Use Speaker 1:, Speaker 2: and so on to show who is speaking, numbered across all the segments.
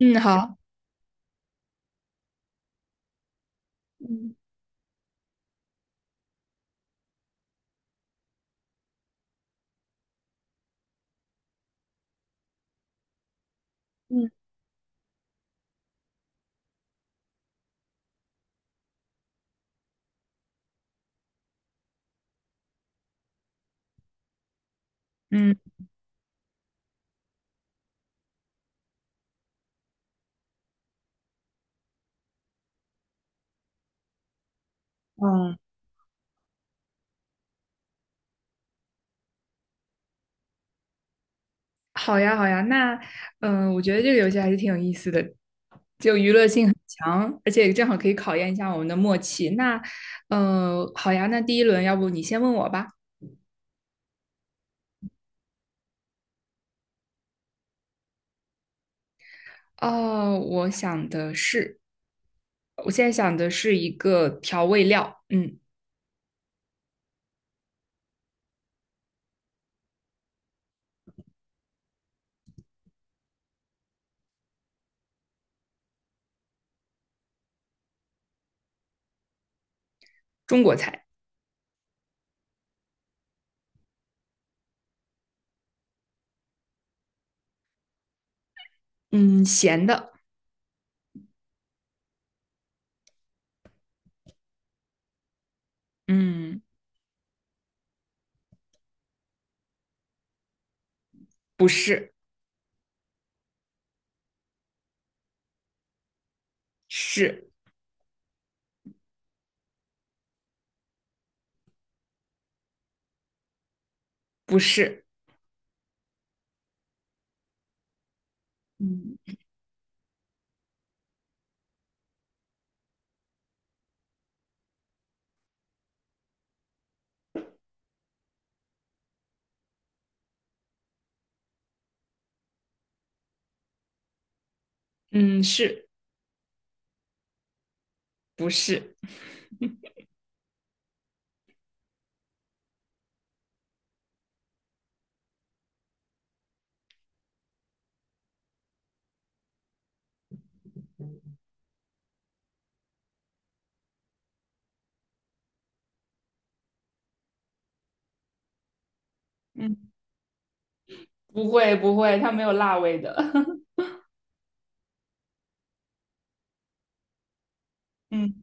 Speaker 1: 嗯，好。嗯嗯嗯嗯，好呀，好呀。那我觉得这个游戏还是挺有意思的，性很强，而且正好可以考验一下我们的默契。那好呀，那第一轮要不你先问我吧？哦，我现在想的是一个调味料。嗯，中国菜。嗯，咸的。嗯，不是。是。不是？嗯。嗯，是。不是？嗯，不会不会，它没有辣味的。嗯。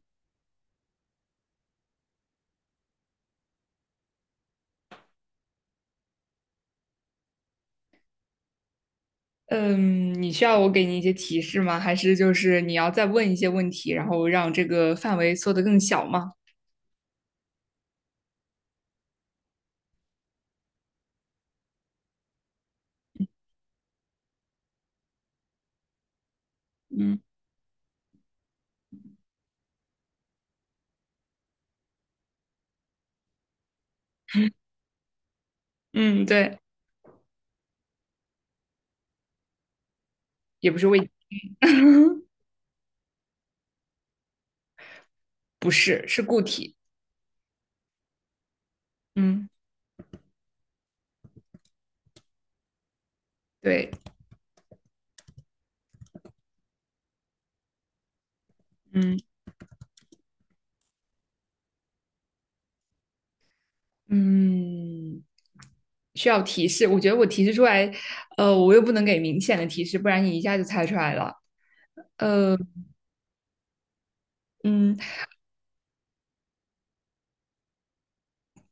Speaker 1: 嗯，你需要我给你一些提示吗？还是就是你要再问一些问题，然后让这个范围缩得更小吗？嗯。嗯，对，也不是味。不是，是固体。嗯，对。嗯嗯，需要提示。我觉得我提示出来，我又不能给明显的提示，不然你一下就猜出来了。呃，嗯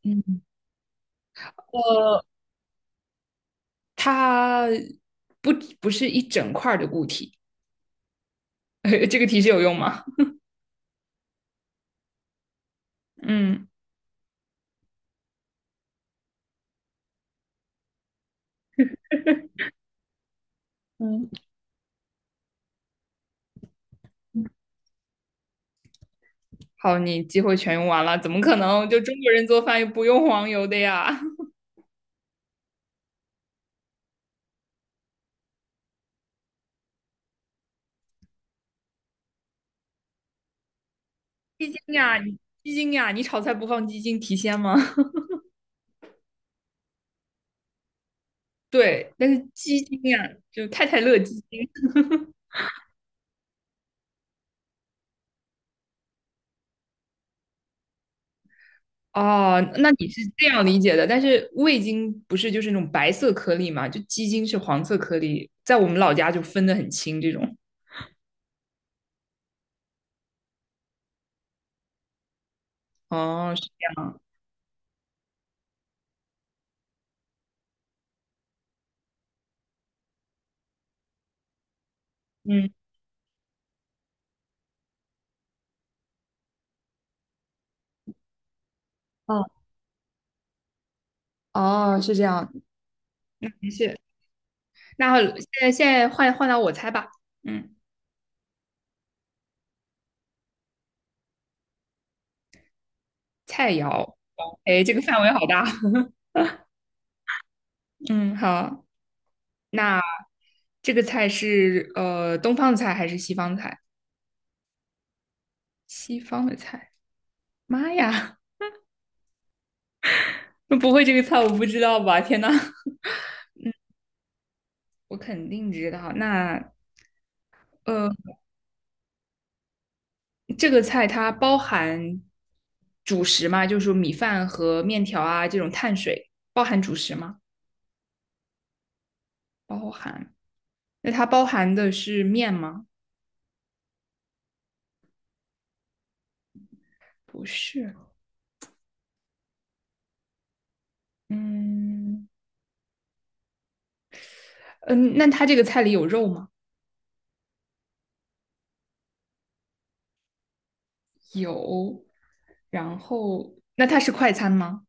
Speaker 1: 嗯，呃，它不不是一整块儿的固体。这个提示有用吗？嗯。嗯。好，你机会全用完了，怎么可能？就中国人做饭又不用黄油的呀？鸡精呀，你鸡精呀，你炒菜不放鸡精提鲜吗？对，但是鸡精呀，就太太乐鸡精。哦，那你是这样理解的，但是味精不是就是那种白色颗粒嘛？就鸡精是黄色颗粒，在我们老家就分得很清这种。哦，是这样。嗯，哦。哦，是这样。没事，那现在换到我猜吧。嗯，菜肴。哎，这个范围好大。嗯，好。那这个菜是东方的菜还是西方的菜？西方的菜。妈呀，那不会这个菜我不知道吧？天呐，我肯定知道。那呃，这个菜它包含主食吗？就是说米饭和面条啊这种碳水，包含主食吗？包含。那它包含的是面吗？不是。嗯。嗯，那它这个菜里有肉吗？有。然后，那它是快餐吗？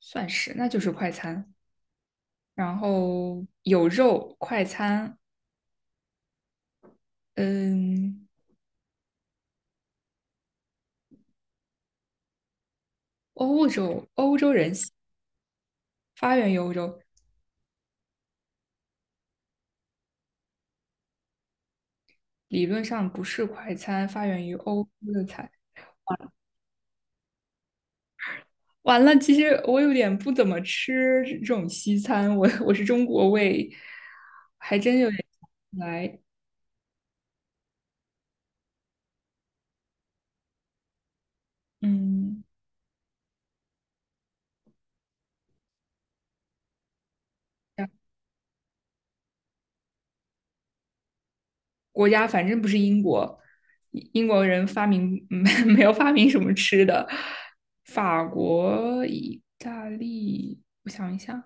Speaker 1: 算是，那就是快餐。然后有肉快餐。嗯，欧洲人发源于欧洲。理论上不是快餐，发源于欧洲的菜。完了，其实我有点不怎么吃这种西餐，我是中国胃，还真有点想不来。嗯，国家，反正不是英国。英国人发明没 没有发明什么吃的。法国、意大利，我想一下，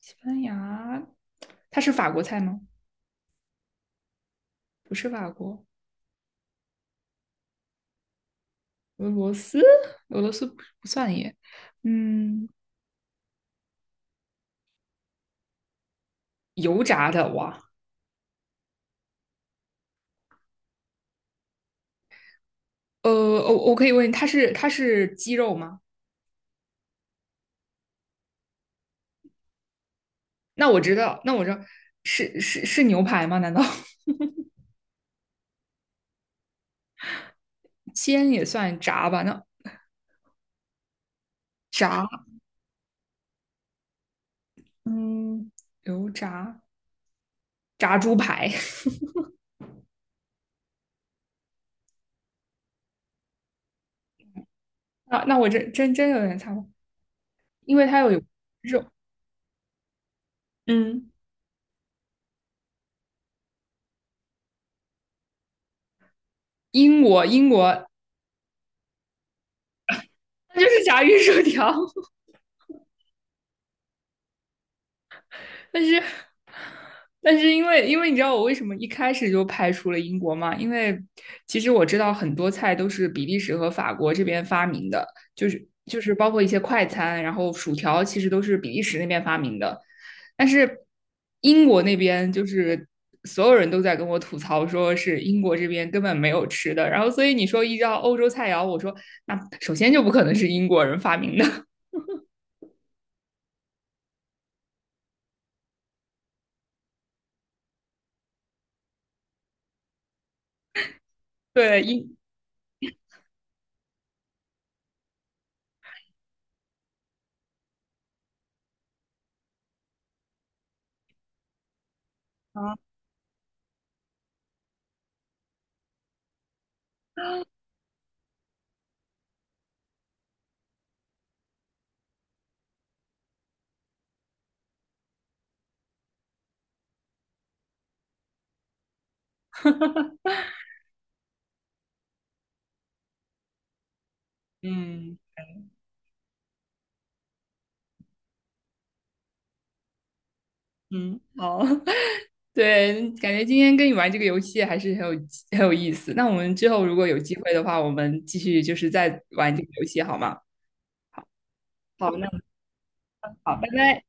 Speaker 1: 西班牙。它是法国菜吗？不是法国。俄罗斯，俄罗斯不算耶。嗯，油炸的哇。我可以问，它是鸡肉吗？那我知道，那我知道是牛排吗？难道 煎也算炸吧？那炸。嗯，油炸炸猪排。 那那我真真真有点猜不，因为它有肉。嗯，英国，英国，那就是炸鱼薯条。但是，但是因为你知道我为什么一开始就排除了英国吗？因为其实我知道很多菜都是比利时和法国这边发明的，就是包括一些快餐，然后薯条其实都是比利时那边发明的。但是英国那边就是所有人都在跟我吐槽，说是英国这边根本没有吃的。然后所以你说依照欧洲菜肴，我说那首先就不可能是英国人发明的。对，英。嗯。嗯，好。对，感觉今天跟你玩这个游戏还是很有意思。那我们之后如果有机会的话，我们继续再玩这个游戏好吗？好，那好，拜拜。